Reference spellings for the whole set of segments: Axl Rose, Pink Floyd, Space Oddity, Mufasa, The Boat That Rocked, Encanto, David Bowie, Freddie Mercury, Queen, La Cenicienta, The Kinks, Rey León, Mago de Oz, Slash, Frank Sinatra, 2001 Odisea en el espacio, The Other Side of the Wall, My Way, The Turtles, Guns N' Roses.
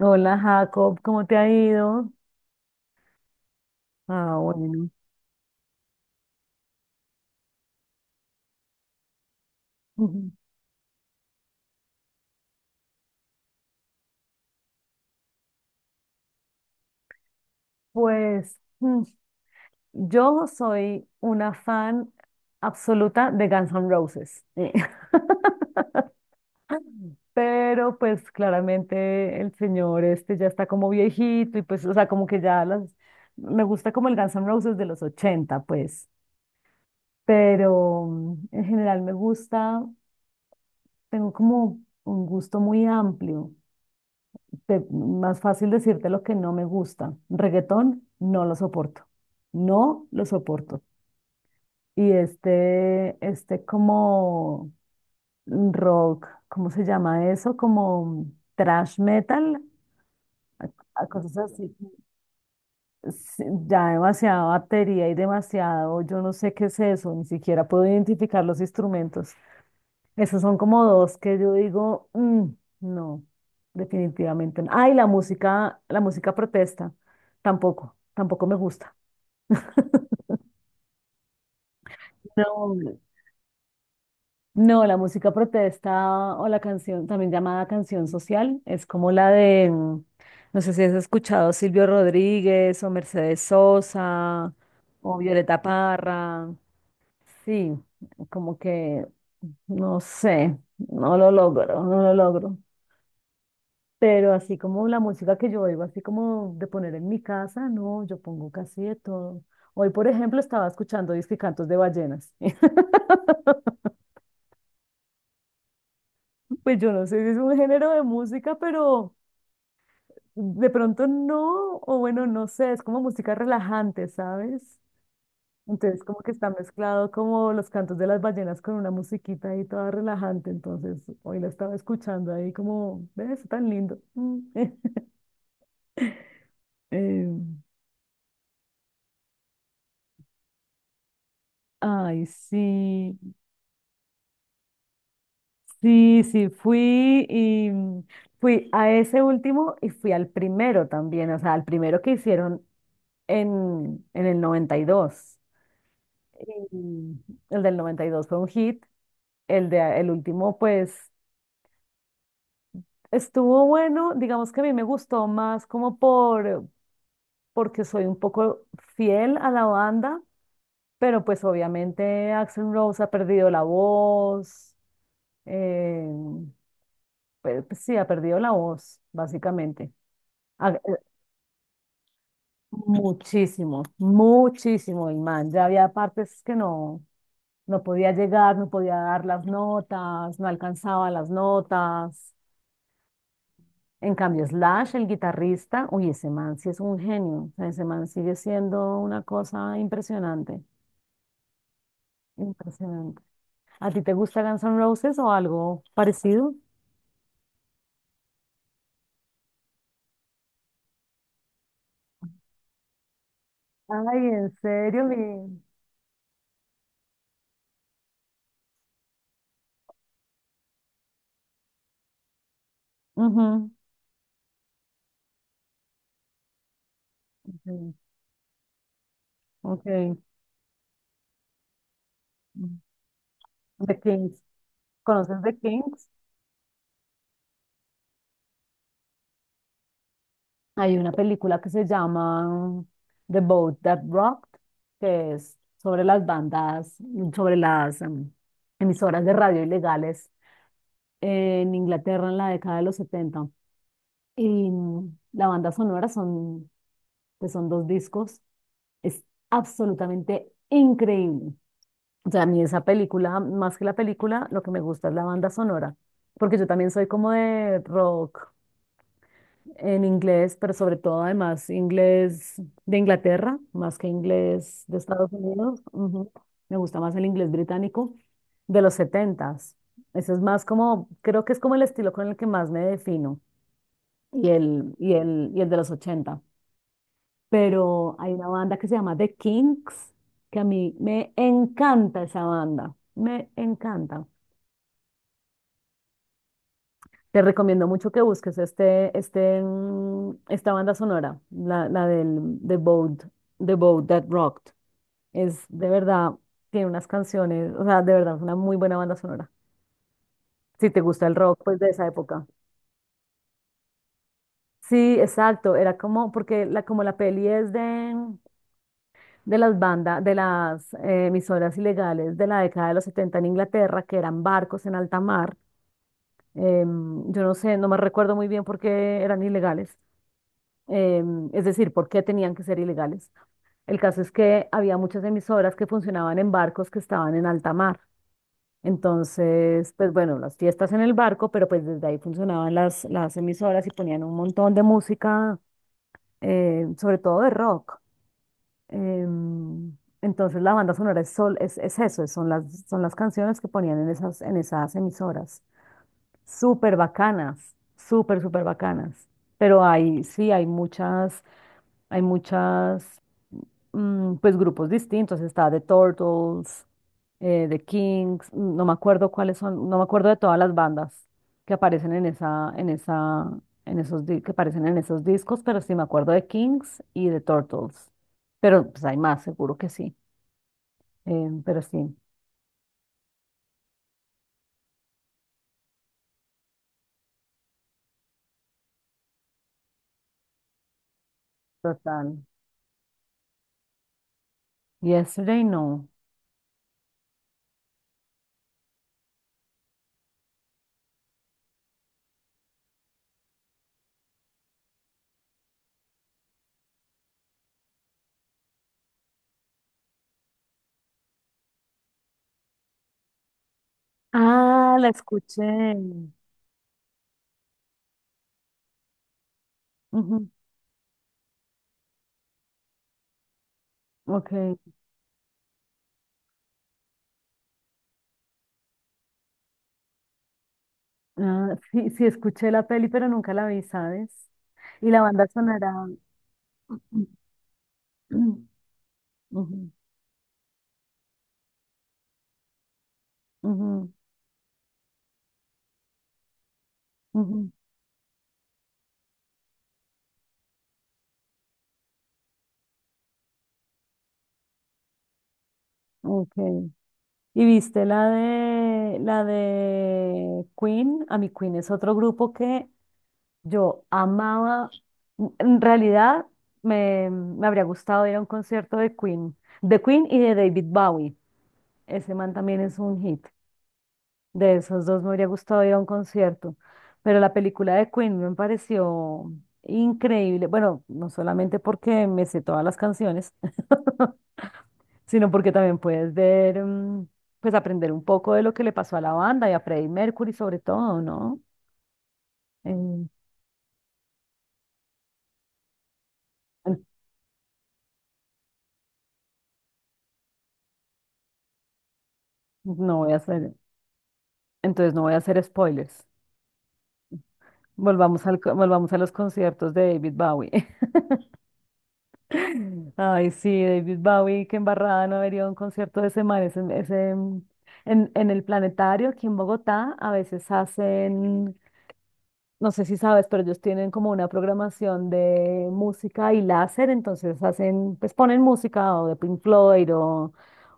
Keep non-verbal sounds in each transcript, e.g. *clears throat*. Hola Jacob, ¿cómo te ha ido? Ah, bueno. Ujú. Pues yo soy una fan absoluta de Guns N' Roses. *laughs* Pero pues claramente el señor este ya está como viejito y pues, o sea, como que ya las. Me gusta como el Guns N' Roses de los 80 pues. Pero en general me gusta, tengo como un gusto muy amplio. Más fácil decirte lo que no me gusta. Reggaetón, no lo soporto. No lo soporto. Y este como rock, ¿cómo se llama eso? Como thrash metal, a, a cosas así. Sí, ya demasiada batería y demasiado, yo no sé qué es eso, ni siquiera puedo identificar los instrumentos. Esos son como dos que yo digo, "Mm, no, definitivamente no." Ay, la música protesta, tampoco, tampoco me gusta. No, no, la música protesta o la canción, también llamada canción social, es como la de, no sé si has escuchado Silvio Rodríguez o Mercedes Sosa o Violeta Parra. Sí, como que, no sé, no lo logro, no lo logro. Pero así como la música que yo oigo, así como de poner en mi casa, no, yo pongo casi de todo. Hoy, por ejemplo, estaba escuchando disque cantos de ballenas. *laughs* Pues yo no sé si es un género de música, pero de pronto no, o bueno, no sé, es como música relajante, ¿sabes? Entonces como que está mezclado como los cantos de las ballenas con una musiquita ahí toda relajante, entonces hoy la estaba escuchando ahí como, ¿ves? Tan lindo. Mm. *laughs* Eh, ay, sí. Sí, sí, fui y fui a ese último y fui al primero también, o sea, al primero que hicieron en el 92. Y el del 92 fue un hit, el de el último pues estuvo bueno, digamos que a mí me gustó más como porque soy un poco fiel a la banda, pero pues obviamente Axl Rose ha perdido la voz, eh, pues sí, ha perdido la voz, básicamente. Ah, muchísimo, muchísimo, Imán. Ya había partes que no, no podía llegar, no podía dar las notas, no alcanzaba las notas. En cambio, Slash, el guitarrista, uy, ese man sí es un genio. O sea, ese man sigue siendo una cosa impresionante, impresionante. ¿A ti te gusta Guns N' Roses o algo parecido? Ay, en serio, mi. Ujú, sí, ok. Mm. The Kings. ¿Conoces The Kings? Hay una película que se llama The Boat That Rocked, que es sobre las bandas, sobre las emisoras de radio ilegales en Inglaterra en la década de los 70. Y la banda sonora son, que son dos discos, es absolutamente increíble. O sea, a mí esa película, más que la película, lo que me gusta es la banda sonora, porque yo también soy como de rock en inglés, pero sobre todo además inglés de Inglaterra, más que inglés de Estados Unidos. Ujú. Me gusta más el inglés británico de los setentas. Eso es más como, creo que es como el estilo con el que más me defino y el de los ochenta. Pero hay una banda que se llama The Kinks, que a mí me encanta esa banda, me encanta. Te recomiendo mucho que busques esta banda sonora, la del The Boat, The Boat That Rocked. Es de verdad, tiene unas canciones, o sea, de verdad es una muy buena banda sonora. Si te gusta el rock, pues de esa época. Sí, exacto, era como, porque como la peli es de, las bandas, de las emisoras ilegales de la década de los 70 en Inglaterra, que eran barcos en alta mar. Em, yo no sé, no me recuerdo muy bien por qué eran ilegales, es decir, ¿por qué tenían que ser ilegales? El caso es que había muchas emisoras que funcionaban en barcos que estaban en alta mar. Entonces, pues bueno, las fiestas en el barco, pero pues desde ahí funcionaban las emisoras y ponían un montón de música, sobre todo de rock. Entonces la banda sonora es, sol, es eso, es- son las canciones que ponían en esas emisoras. Súper bacanas, súper, súper bacanas. Pero hay, sí, hay muchas, pues grupos distintos, está The Turtles, The Kings, no me acuerdo cuáles son, no me acuerdo de todas las bandas que aparecen en esa, en esa, en esos, di- que aparecen en esos discos, pero sí me acuerdo de Kings y The Turtles. Pero pues hay más, seguro que sí. Pero sí, total. Yesterday, no. Ah, la escuché. Ujú, ok. Ah, sí, sí, escuché la peli, pero nunca la vi, ¿sabes? Y la banda sonará. *clears throat* Ujú, ujú, ujú. Ok. ¿Y viste la de Queen? A mi Queen es otro grupo que yo amaba. En realidad me habría gustado ir a un concierto de Queen y de David Bowie. Ese man también es un hit. De esos dos me habría gustado ir a un concierto, pero la película de Queen me pareció increíble. Bueno, no solamente porque me sé todas las canciones, *laughs* sino porque también puedes ver, pues aprender un poco de lo que le pasó a la banda y a Freddie Mercury sobre todo, ¿no? Eh, en- no voy a hacer, entonces no voy a hacer spoilers. Volvamos a los conciertos de David Bowie. *laughs* Ay, sí, David Bowie, qué embarrada no haber ido a un concierto de ese man. En el Planetario, aquí en Bogotá, a veces hacen, no sé si sabes, pero ellos tienen como una programación de música y láser, entonces hacen, pues ponen música o de Pink Floyd o,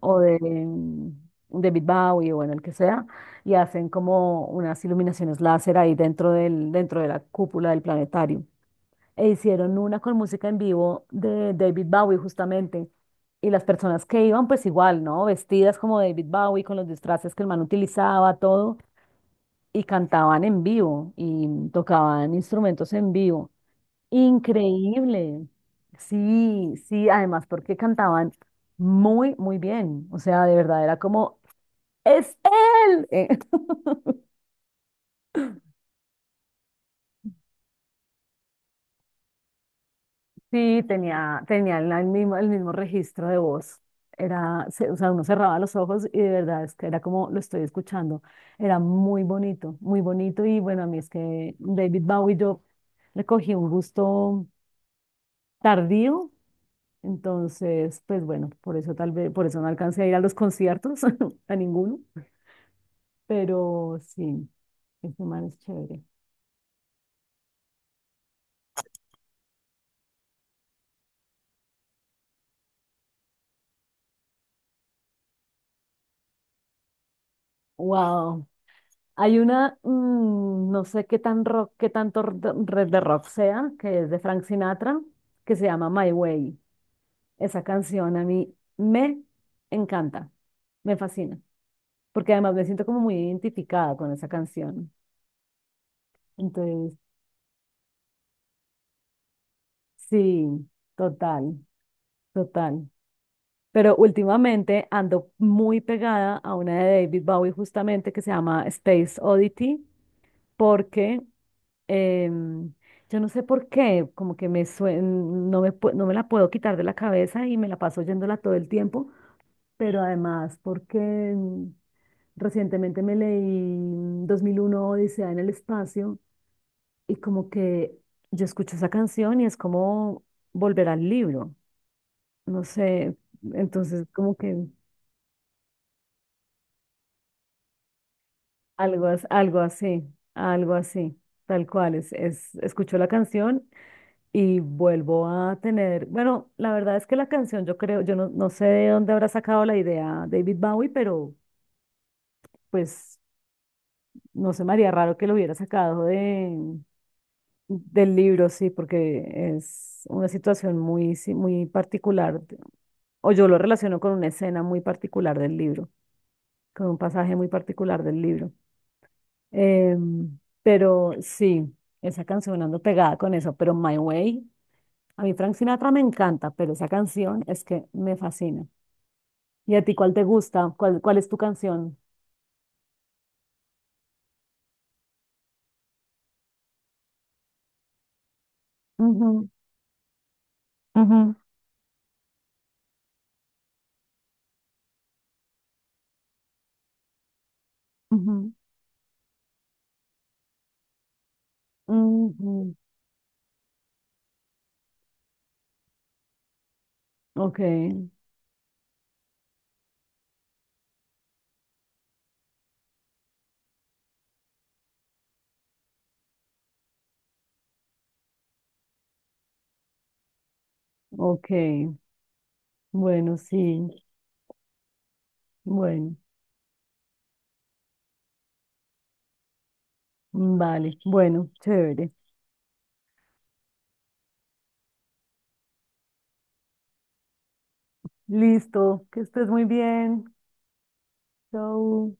o de David Bowie o bueno, el que sea, y hacen como unas iluminaciones láser ahí dentro dentro de la cúpula del planetario e hicieron una con música en vivo de David Bowie justamente. Y las personas que iban, pues igual, ¿no? Vestidas como David Bowie, con los disfraces que el man utilizaba, todo, y cantaban en vivo y tocaban instrumentos en vivo. Increíble. Sí, sí, además porque cantaban muy, muy bien. O sea, de verdad era como, es él. *laughs* Sí, tenía el mismo registro de voz. O sea, uno cerraba los ojos y de verdad es que era como lo estoy escuchando. Era muy bonito, muy bonito. Y bueno, a mí es que David Bowie yo le cogí un gusto tardío. Entonces, pues bueno, por eso tal vez, por eso no alcancé a ir a los conciertos, *laughs* a ninguno. Pero sí, este man es chévere. Wow. Hay no sé qué tan rock, qué tanto red de rock sea, que es de Frank Sinatra, que se llama My Way. Esa canción a mí me encanta, me fascina, porque además me siento como muy identificada con esa canción. Entonces, sí, total, total. Pero últimamente ando muy pegada a una de David Bowie justamente que se llama Space Oddity, porque em, yo no sé por qué, como que me sue- no me, pu- no me la puedo quitar de la cabeza y me la paso oyéndola todo el tiempo, pero además porque mm, recientemente me leí 2001 Odisea en el espacio y como que yo escucho esa canción y es como volver al libro, no sé, entonces como que algo, as- algo así, algo así, tal cual, escucho la canción. Y vuelvo a tener, bueno, la verdad es que la canción, yo creo, yo no sé de dónde habrá sacado la idea David Bowie, pero pues no se me haría raro que lo hubiera sacado del libro, sí, porque es una situación muy, sí, muy particular, o yo lo relaciono con una escena muy particular del libro, con un pasaje muy particular del libro. Pero sí, esa canción ando pegada con eso, pero My Way, a mí Frank Sinatra me encanta, pero esa canción es que me fascina. ¿Y a ti cuál te gusta? ¿Cuál es tu canción? Ujú, ujú, ujú. Ujú. Ok, ok. Bueno, sí. Bueno, vale. Bueno, chévere. Listo. Que estés muy bien. Chau.